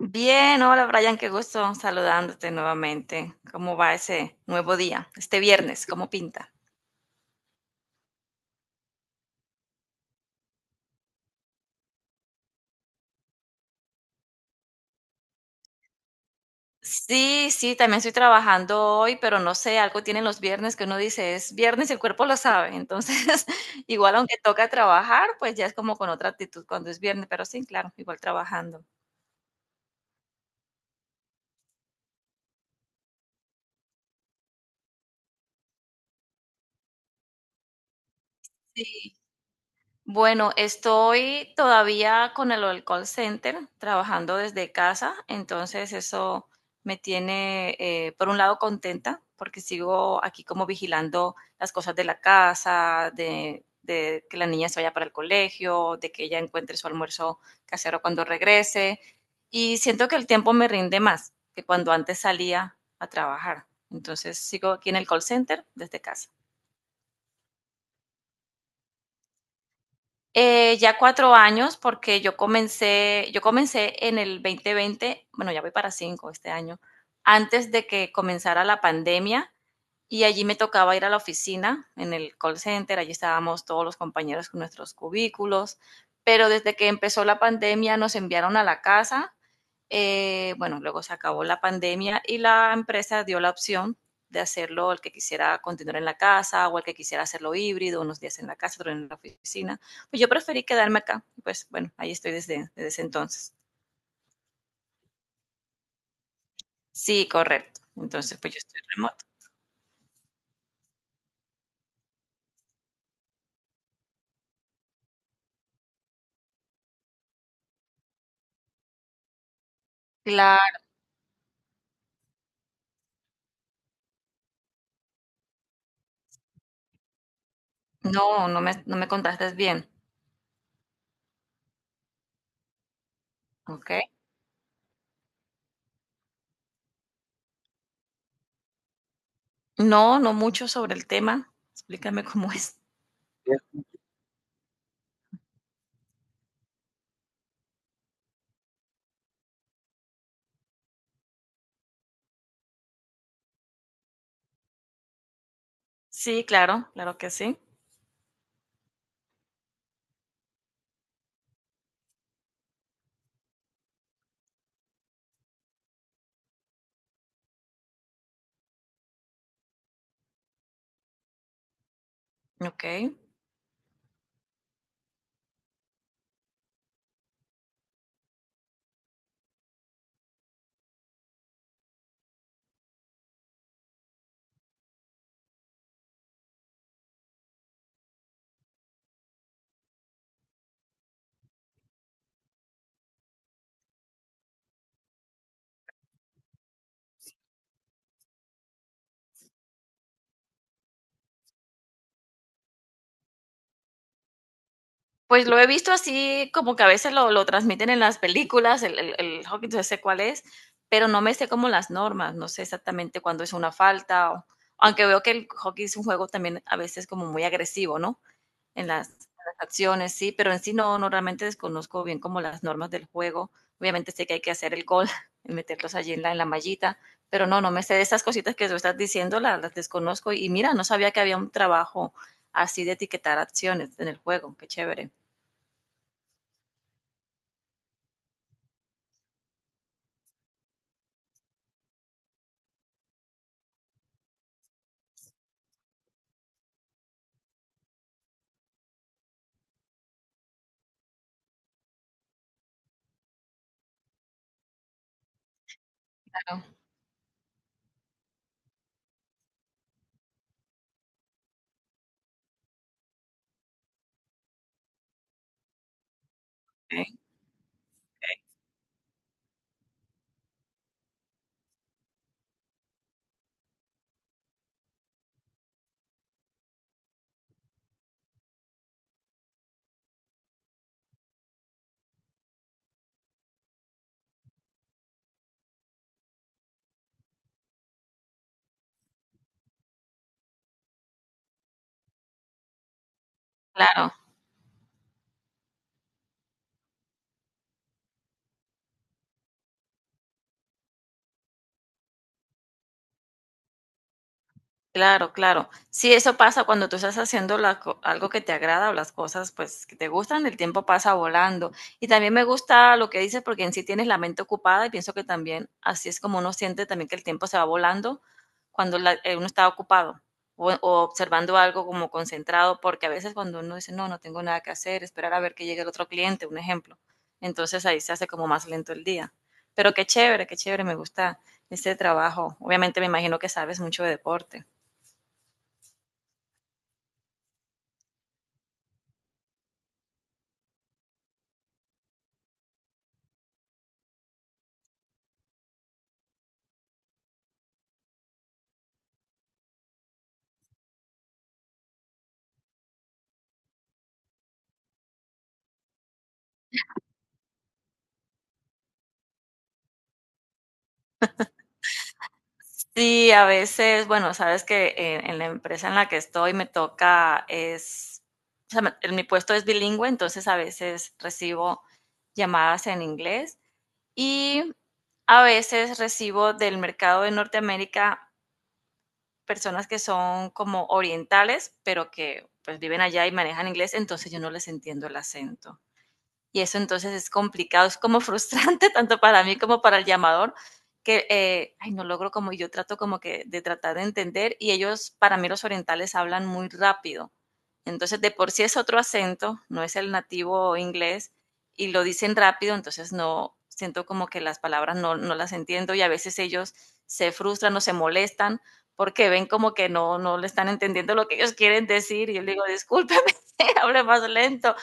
Bien, hola Brian, qué gusto saludándote nuevamente. ¿Cómo va ese nuevo día? Este viernes, ¿cómo pinta? Sí, sí, también estoy trabajando hoy, pero no sé, algo tienen los viernes que uno dice, es viernes y el cuerpo lo sabe. Entonces, igual aunque toca trabajar, pues ya es como con otra actitud cuando es viernes, pero sí, claro, igual trabajando. Sí, bueno, estoy todavía con el call center, trabajando desde casa, entonces eso me tiene, por un lado, contenta, porque sigo aquí como vigilando las cosas de la casa, de que la niña se vaya para el colegio, de que ella encuentre su almuerzo casero cuando regrese, y siento que el tiempo me rinde más que cuando antes salía a trabajar. Entonces sigo aquí en el call center desde casa. Ya 4 años, porque yo comencé en el 2020. Bueno, ya voy para cinco este año, antes de que comenzara la pandemia. Y allí me tocaba ir a la oficina, en el call center, allí estábamos todos los compañeros con nuestros cubículos, pero desde que empezó la pandemia nos enviaron a la casa, bueno, luego se acabó la pandemia y la empresa dio la opción de hacerlo el que quisiera continuar en la casa o el que quisiera hacerlo híbrido, unos días en la casa, otros en la oficina. Pues yo preferí quedarme acá, pues bueno, ahí estoy desde ese entonces. Sí, correcto. Entonces, pues yo estoy remoto. Claro, no, no me contaste bien. Ok. No, no mucho sobre el tema. Explícame cómo es. Ya. Sí, claro, claro que sí. Okey. Pues lo he visto así como que a veces lo transmiten en las películas, el hockey, entonces sé cuál es, pero no me sé como las normas, no sé exactamente cuándo es una falta, o aunque veo que el hockey es un juego también a veces como muy agresivo, ¿no? En las acciones, sí, pero en sí no, no realmente desconozco bien como las normas del juego. Obviamente sé que hay que hacer el gol, meterlos allí en la mallita, pero no, no me sé de esas cositas que tú estás diciendo, las desconozco. Y mira, no sabía que había un trabajo así de etiquetar acciones en el juego, qué chévere. Claro. Ok, ok, claro. Claro, claro. Sí, eso pasa cuando tú estás haciendo algo que te agrada o las cosas pues que te gustan, el tiempo pasa volando. Y también me gusta lo que dices porque en sí tienes la mente ocupada y pienso que también así es como uno siente también que el tiempo se va volando cuando uno está ocupado o observando algo como concentrado, porque a veces cuando uno dice, no, no tengo nada que hacer, esperar a ver que llegue el otro cliente, un ejemplo. Entonces ahí se hace como más lento el día. Pero qué chévere, me gusta este trabajo. Obviamente me imagino que sabes mucho de deporte. Sí, a veces, bueno, sabes que en la empresa en la que estoy me toca es, o sea, en mi puesto es bilingüe, entonces a veces recibo llamadas en inglés y a veces recibo del mercado de Norteamérica personas que son como orientales, pero que pues viven allá y manejan inglés, entonces yo no les entiendo el acento. Y eso entonces es complicado, es como frustrante tanto para mí como para el llamador, que ay, no logro como yo trato como que de tratar de entender y ellos, para mí los orientales hablan muy rápido. Entonces de por sí es otro acento, no es el nativo inglés y lo dicen rápido, entonces no siento como que las palabras no, no las entiendo y a veces ellos se frustran o se molestan porque ven como que no, no le están entendiendo lo que ellos quieren decir y yo les digo, discúlpeme, hable más lento.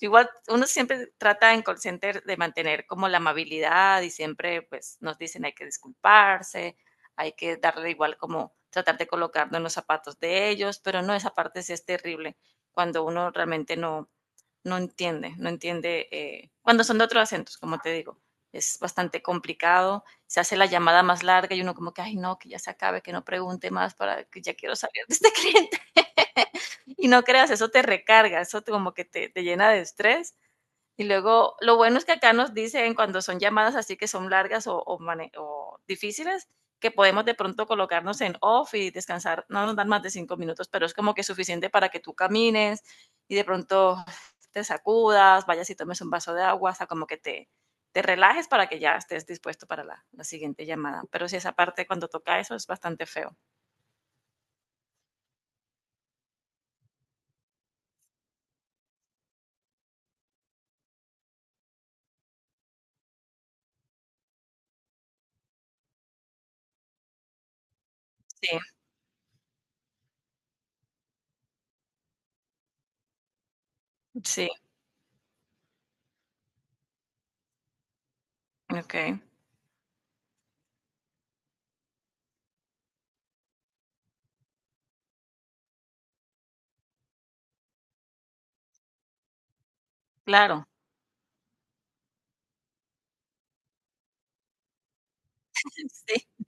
Igual uno siempre trata en call center de mantener como la amabilidad y siempre pues nos dicen hay que disculparse, hay que darle igual como tratar de colocarnos en los zapatos de ellos, pero no, esa parte sí es terrible cuando uno realmente no, no entiende, cuando son de otros acentos, como te digo. Es bastante complicado, se hace la llamada más larga y uno como que, ay no, que ya se acabe, que no pregunte más para que ya quiero salir de este cliente. Y no creas, eso te recarga, eso como que te llena de estrés y luego, lo bueno es que acá nos dicen cuando son llamadas así que son largas o difíciles, que podemos de pronto colocarnos en off y descansar. No nos dan más de 5 minutos, pero es como que suficiente para que tú camines y de pronto te sacudas, vayas y tomes un vaso de agua, o sea, como que te relajes para que ya estés dispuesto para la siguiente llamada. Pero sí, esa parte cuando toca eso es bastante feo. Sí, sí, ok. Claro, sí,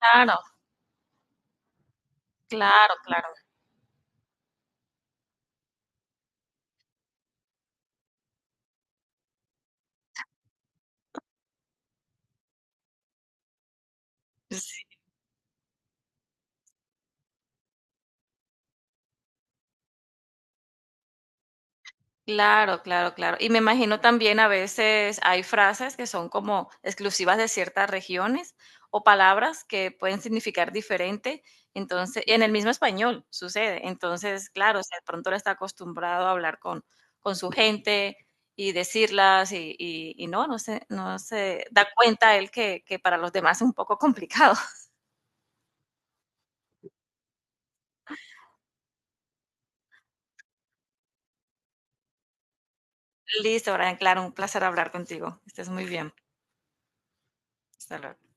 claro, claro, claro. Sí. Claro, claro, claro. Y me imagino también a veces hay frases que son como exclusivas de ciertas regiones o palabras que pueden significar diferente. Entonces, en el mismo español sucede. Entonces, claro, o sea, de pronto él está acostumbrado a hablar con su gente y decirlas y no, no se da cuenta él que, para los demás es un poco complicado. Listo, Brian, claro, un placer hablar contigo. Estés muy bien. Hasta luego.